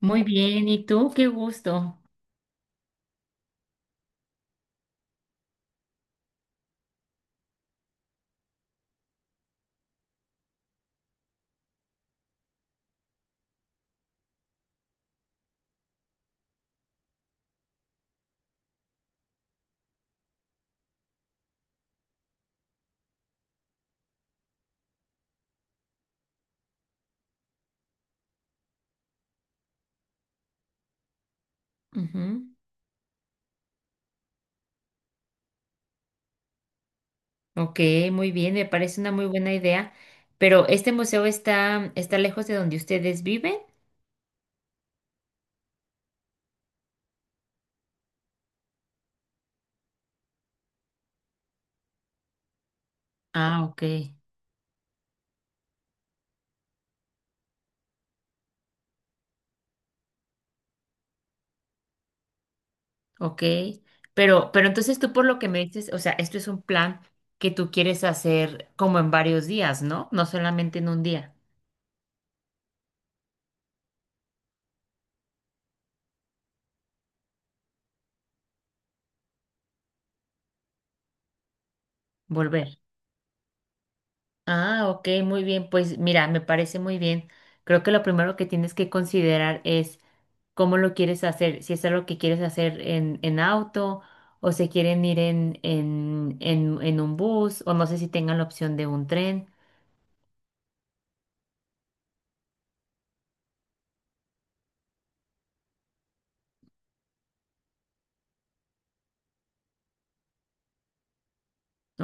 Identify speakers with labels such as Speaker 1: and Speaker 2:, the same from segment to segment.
Speaker 1: Muy bien, ¿y tú? Qué gusto. Ujú. Ok, muy bien, me parece una muy buena idea. Pero ¿este museo está, está lejos de donde ustedes viven? Ah, ok, ok. Pero entonces tú por lo que me dices, o sea, esto es un plan que tú quieres hacer como en varios días, ¿no? No solamente en un día, volver. Ah, ok, muy bien. Pues mira, me parece muy bien. Creo que lo primero que tienes que considerar es cómo lo quieres hacer, si es algo que quieres hacer en auto o se quieren ir en, en un bus o no sé si tengan la opción de un tren.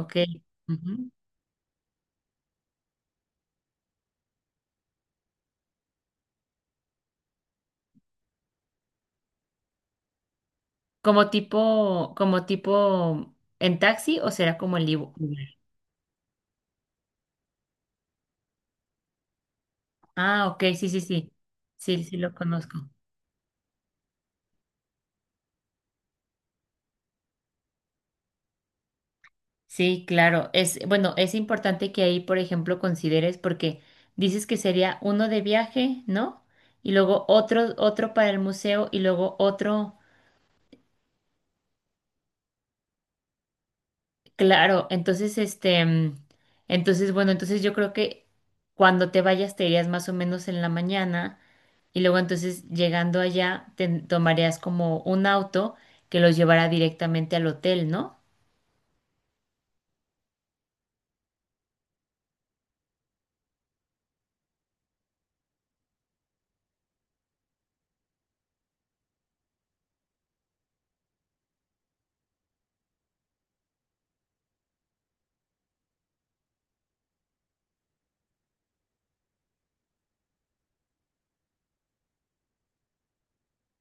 Speaker 1: Ok. Ujú. Como tipo en taxi o será como el Uber. Ah, ok, sí, sí, sí. Sí, sí lo conozco. Sí, claro. Es, bueno, es importante que ahí, por ejemplo, consideres porque dices que sería uno de viaje, ¿no? Y luego otro, otro para el museo y luego otro. Claro, entonces este, entonces bueno, entonces yo creo que cuando te vayas te irías más o menos en la mañana y luego entonces llegando allá te tomarías como un auto que los llevará directamente al hotel, ¿no?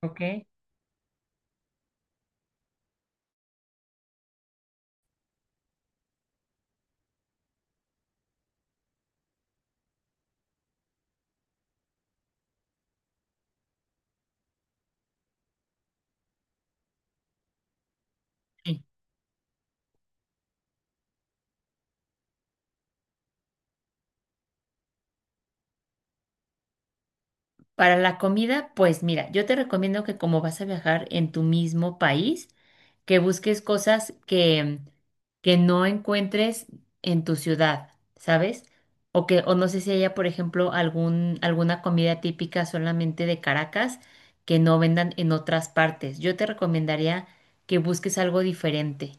Speaker 1: ¿Ok? Para la comida, pues mira, yo te recomiendo que como vas a viajar en tu mismo país, que busques cosas que no encuentres en tu ciudad, ¿sabes? O que, o no sé si haya, por ejemplo, algún, alguna comida típica solamente de Caracas que no vendan en otras partes. Yo te recomendaría que busques algo diferente.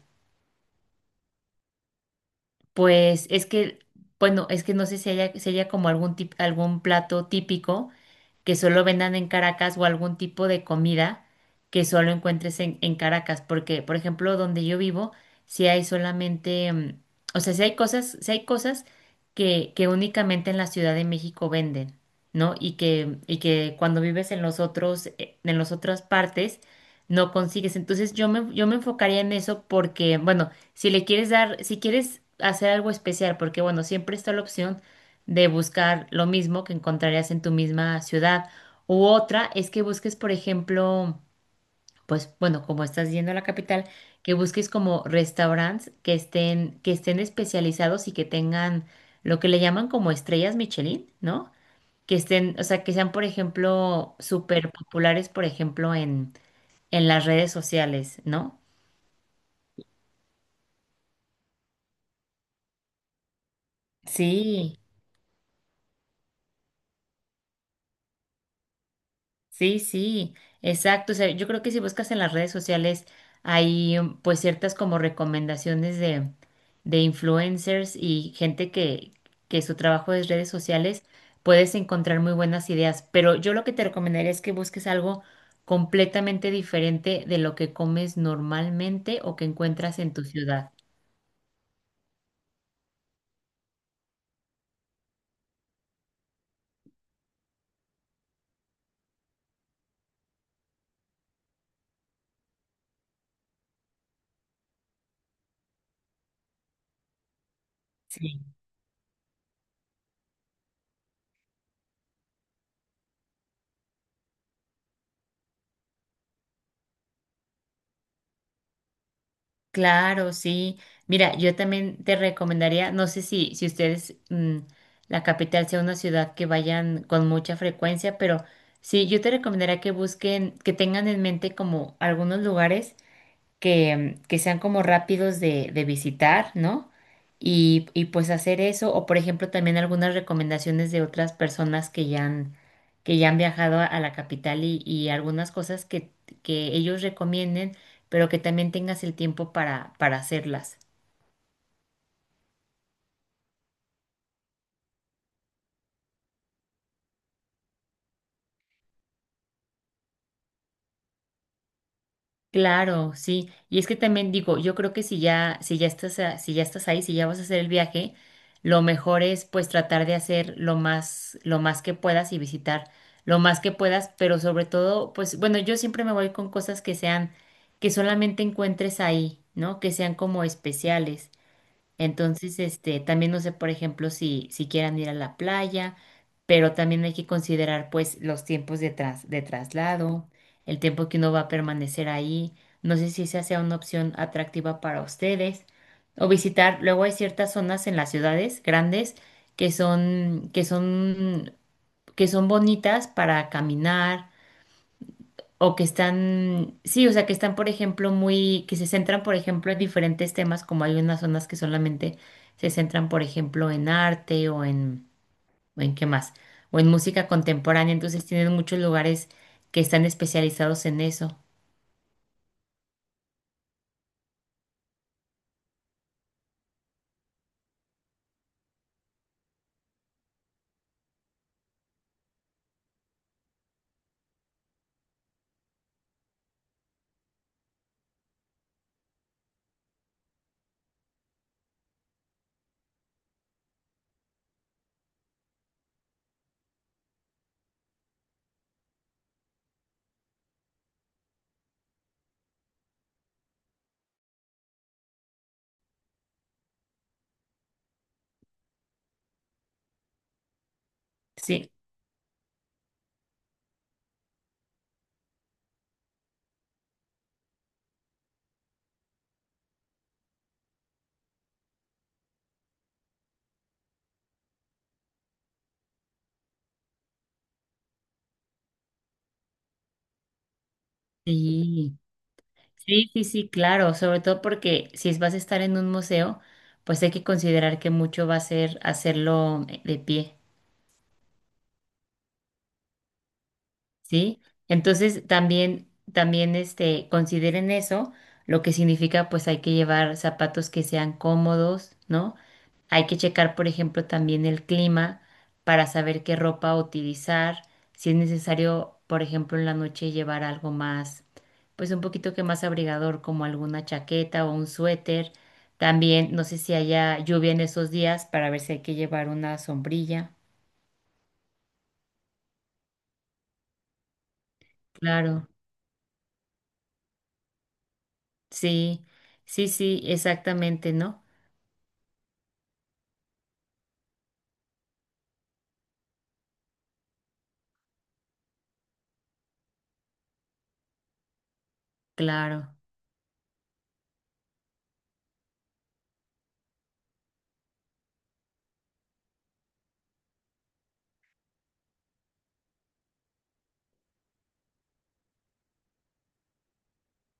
Speaker 1: Pues es que, bueno, es que no sé si haya, si haya como algún algún plato típico que solo vendan en Caracas o algún tipo de comida que solo encuentres en Caracas. Porque, por ejemplo, donde yo vivo, si hay solamente, o sea, si hay cosas, si hay cosas que únicamente en la Ciudad de México venden, ¿no? Y que cuando vives en los otros, en las otras partes, no consigues. Entonces yo me enfocaría en eso porque, bueno, si le quieres dar, si quieres hacer algo especial, porque bueno, siempre está la opción de buscar lo mismo que encontrarías en tu misma ciudad. U otra es que busques, por ejemplo, pues bueno, como estás yendo a la capital, que busques como restaurantes que estén especializados y que tengan lo que le llaman como estrellas Michelin, ¿no? Que estén, o sea, que sean, por ejemplo, súper populares, por ejemplo, en las redes sociales, ¿no? Sí. Sí, sí, exacto. O sea, yo creo que si buscas en las redes sociales hay pues ciertas como recomendaciones de influencers y gente que su trabajo es redes sociales, puedes encontrar muy buenas ideas. Pero yo lo que te recomendaría es que busques algo completamente diferente de lo que comes normalmente o que encuentras en tu ciudad. Claro, sí. Mira, yo también te recomendaría, no sé si ustedes, la capital sea una ciudad que vayan con mucha frecuencia, pero sí, yo te recomendaría que busquen, que tengan en mente como algunos lugares que sean como rápidos de visitar, ¿no? Y pues hacer eso, o por ejemplo también algunas recomendaciones de otras personas que ya han viajado a la capital y algunas cosas que ellos recomienden, pero que también tengas el tiempo para hacerlas. Claro, sí. Y es que también digo, yo creo que si ya, si ya estás ahí, si ya vas a hacer el viaje, lo mejor es pues tratar de hacer lo más que puedas y visitar lo más que puedas, pero sobre todo, pues bueno, yo siempre me voy con cosas que sean, que solamente encuentres ahí, ¿no? Que sean como especiales. Entonces, este, también no sé, por ejemplo, si quieran ir a la playa, pero también hay que considerar, pues, los tiempos de de traslado, el tiempo que uno va a permanecer ahí. No sé si esa sea una opción atractiva para ustedes. O visitar, luego hay ciertas zonas en las ciudades grandes que son, que son, que son bonitas para caminar, o que están, sí, o sea, que están, por ejemplo, muy, que se centran, por ejemplo, en diferentes temas, como hay unas zonas que solamente se centran, por ejemplo, en arte o en qué más, o en música contemporánea, entonces tienen muchos lugares que están especializados en eso. Sí, sí, sí, sí, sí, claro, sobre todo porque si vas a estar en un museo, pues hay que considerar que mucho va a ser hacerlo de pie. ¿Sí? Entonces también, también este, consideren eso, lo que significa pues hay que llevar zapatos que sean cómodos, ¿no? Hay que checar, por ejemplo, también el clima para saber qué ropa utilizar, si es necesario, por ejemplo, en la noche llevar algo más, pues un poquito que más abrigador, como alguna chaqueta o un suéter. También, no sé si haya lluvia en esos días para ver si hay que llevar una sombrilla. Claro. Sí, sí, sí, exactamente, ¿no? Claro,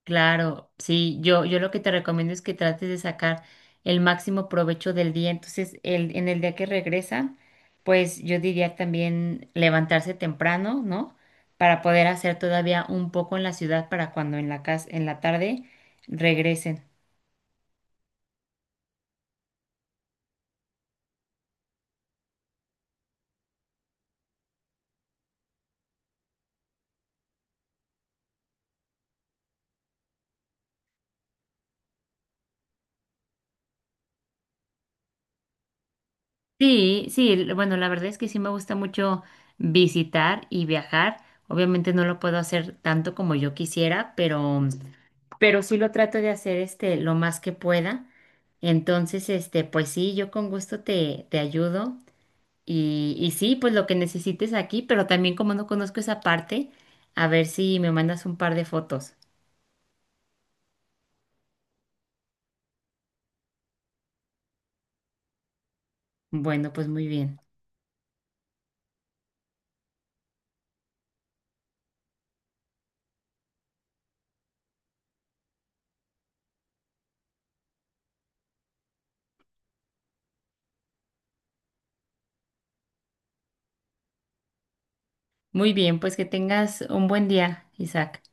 Speaker 1: claro, sí, yo lo que te recomiendo es que trates de sacar el máximo provecho del día. Entonces, en el día que regresan, pues yo diría también levantarse temprano, ¿no? Para poder hacer todavía un poco en la ciudad para cuando en la casa, en la tarde regresen. Sí, sí, bueno, la verdad es que sí me gusta mucho visitar y viajar. Obviamente no lo puedo hacer tanto como yo quisiera, pero sí lo trato de hacer este lo más que pueda. Entonces, este, pues sí, yo con gusto te ayudo y sí, pues lo que necesites aquí, pero también como no conozco esa parte, a ver si me mandas un par de fotos. Bueno, pues muy bien. Muy bien, pues que tengas un buen día, Isaac.